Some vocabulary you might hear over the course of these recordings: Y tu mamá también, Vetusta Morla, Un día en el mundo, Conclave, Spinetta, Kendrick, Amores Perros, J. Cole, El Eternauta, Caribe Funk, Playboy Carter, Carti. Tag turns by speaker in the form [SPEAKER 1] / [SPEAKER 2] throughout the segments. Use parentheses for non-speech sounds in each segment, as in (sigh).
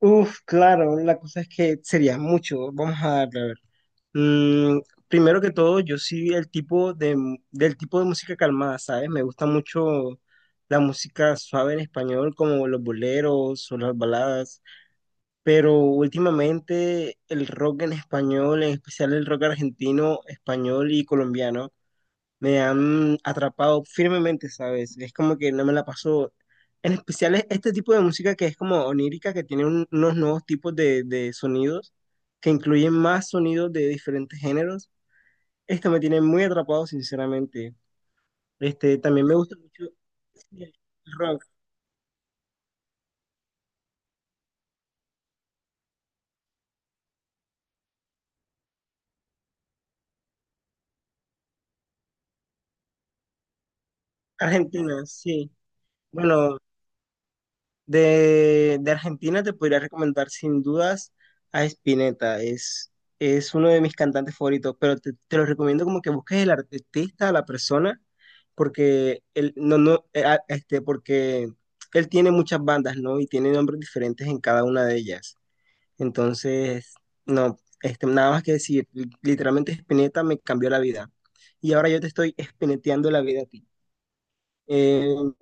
[SPEAKER 1] Uf, claro, la cosa es que sería mucho. Vamos a darle, a ver. Mm, Primero que todo, yo sí del tipo de música calmada, ¿sabes? Me gusta mucho la música suave en español, como los boleros o las baladas, pero últimamente el rock en español, en especial el rock argentino, español y colombiano me han atrapado firmemente, ¿sabes? Es como que no me la paso. En especial es este tipo de música que es como onírica, que tiene unos nuevos tipos de sonidos, que incluyen más sonidos de diferentes géneros. Esto me tiene muy atrapado, sinceramente. También me gusta mucho el rock argentino, sí. Bueno, de, de Argentina te podría recomendar sin dudas a Spinetta, es uno de mis cantantes favoritos, pero te lo recomiendo como que busques el artista, la persona, porque él tiene muchas bandas, ¿no? Y tiene nombres diferentes en cada una de ellas. Entonces, no, nada más que decir, literalmente Spinetta me cambió la vida. Y ahora yo te estoy espineteando la vida a ti. Eh,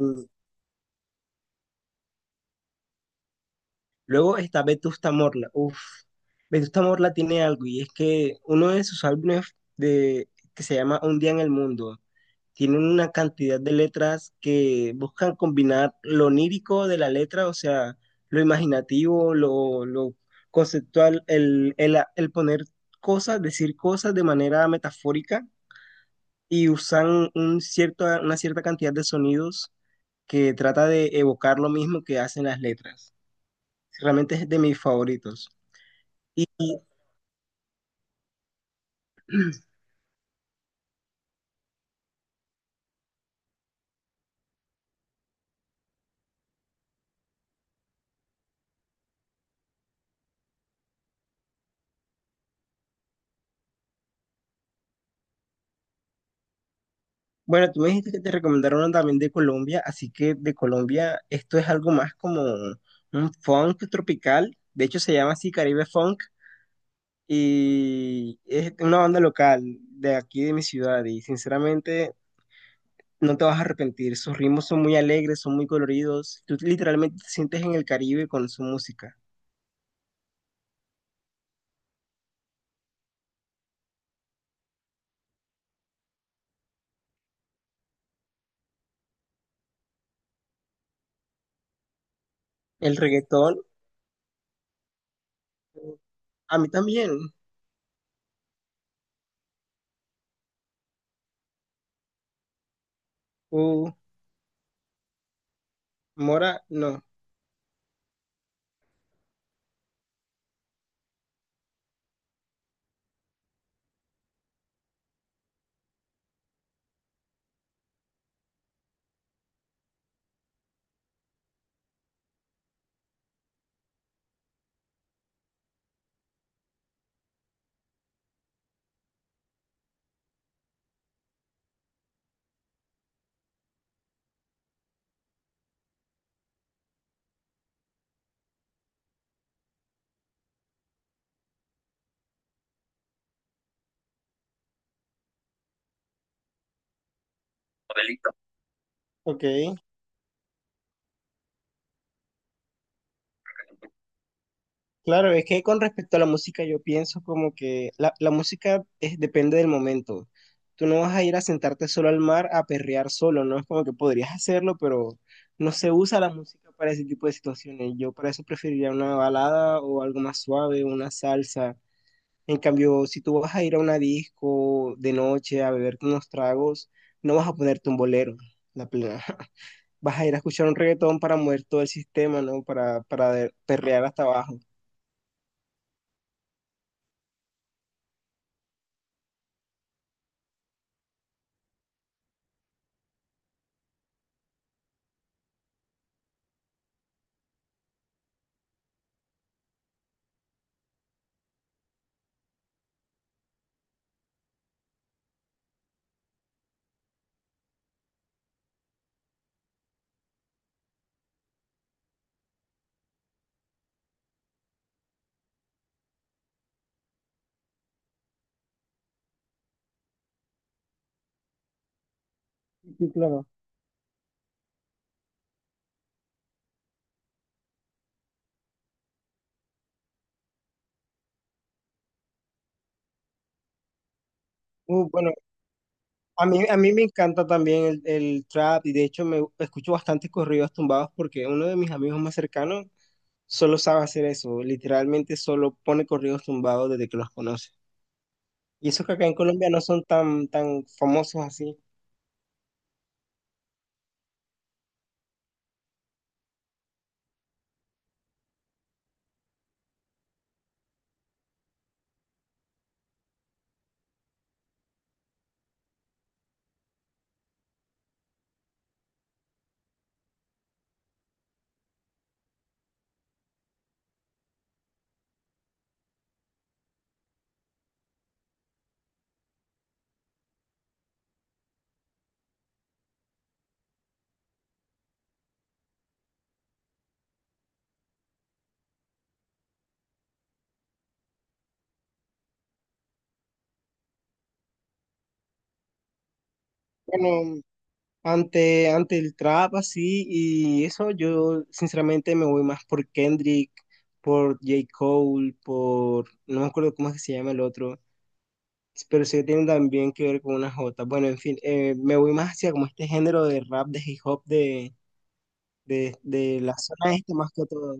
[SPEAKER 1] Luego está Vetusta Morla. Uf, Vetusta Morla tiene algo y es que uno de sus álbumes que se llama Un día en el mundo tiene una cantidad de letras que buscan combinar lo onírico de la letra, o sea, lo imaginativo, lo conceptual, el poner cosas, decir cosas de manera metafórica y usan un cierto, una cierta cantidad de sonidos que trata de evocar lo mismo que hacen las letras. Realmente es de mis favoritos. Bueno, tú me dijiste que te recomendaron una también de Colombia, así que de Colombia esto es algo más como un funk tropical, de hecho se llama así Caribe Funk y es una banda local de aquí de mi ciudad y sinceramente no te vas a arrepentir, sus ritmos son muy alegres, son muy coloridos, tú literalmente te sientes en el Caribe con su música. El reggaetón, a mí también, uh, Mora, no, ok. Claro, es que con respecto a la música, yo pienso como que la música es- depende del momento. Tú no vas a ir a sentarte solo al mar a perrear solo, no es como que podrías hacerlo, pero no se usa la música para ese tipo de situaciones. Yo para eso preferiría una balada o algo más suave, una salsa. En cambio, si tú vas a ir a una disco de noche a beberte unos tragos, no vas a ponerte un bolero, la plena. (laughs) Vas a ir a escuchar un reggaetón para mover todo el sistema, ¿no? Para perrear hasta abajo. Sí, claro. Bueno, a mí me encanta también el trap y de hecho me escucho bastante corridos tumbados porque uno de mis amigos más cercanos solo sabe hacer eso, literalmente solo pone corridos tumbados desde que los conoce. Y eso que acá en Colombia no son tan, tan famosos así. Bueno, ante el trap así y eso yo sinceramente me voy más por Kendrick, por J. Cole, por, no me acuerdo cómo es que se llama el otro, pero sí que tienen también que ver con una jota. Bueno, en fin, me voy más hacia como este género de rap, de hip hop, de la zona este más que todo.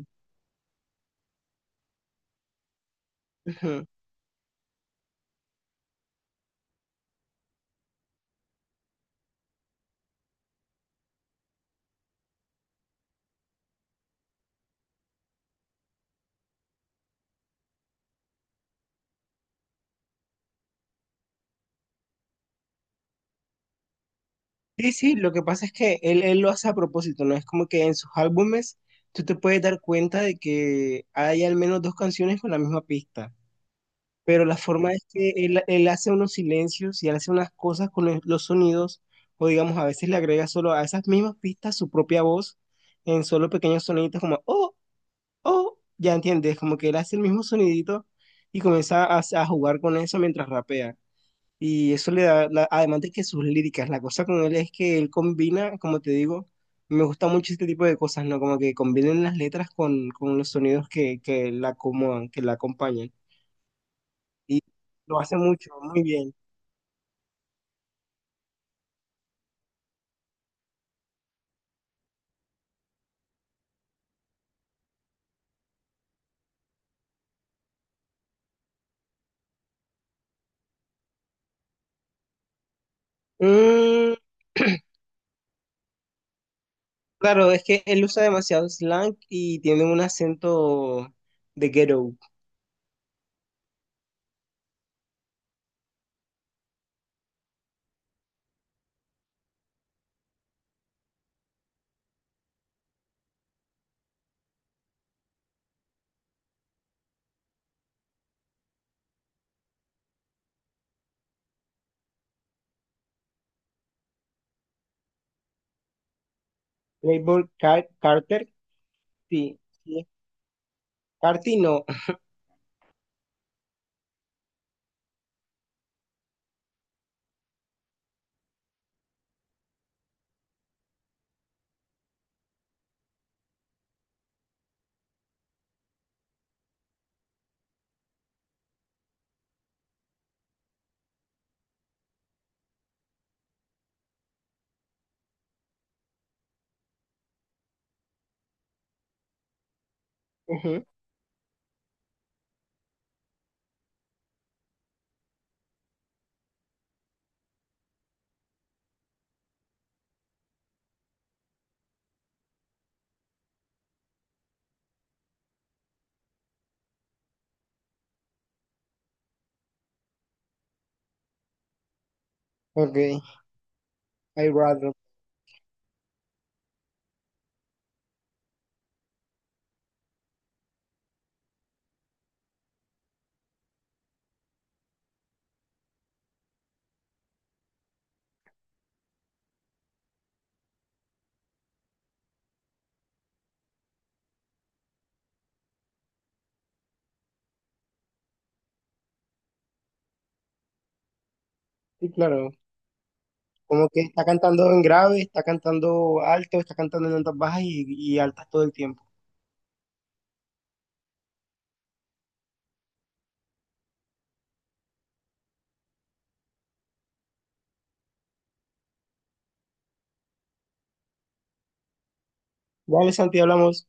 [SPEAKER 1] Ujú. Sí, sí, lo que pasa es que él lo hace a propósito, ¿no? Es como que en sus álbumes tú te puedes dar cuenta de que hay al menos dos canciones con la misma pista, pero la forma es que él hace unos silencios y él hace unas cosas con los sonidos, o digamos, a veces le agrega solo a esas mismas pistas su propia voz en solo pequeños soniditos como, oh, O, ya entiendes, como que él hace el mismo sonidito y comienza a jugar con eso mientras rapea. Y eso le da, la- además de que sus líricas, la cosa con él es que él combina, como te digo, me gusta mucho este tipo de cosas, ¿no? Como que combinen las letras con los sonidos que la acomodan, que la acompañan. Lo hace mucho, muy bien. Mm, (clears throat) claro, es que él usa demasiado slang y tiene un acento de ghetto. Playboy Car- Carter, sí, sí. Carti no. (laughs) Ok, I rather. Sí, claro. Como que está cantando en grave, está cantando alto, está cantando en notas bajas y altas todo el tiempo. Vale, Santi, hablamos.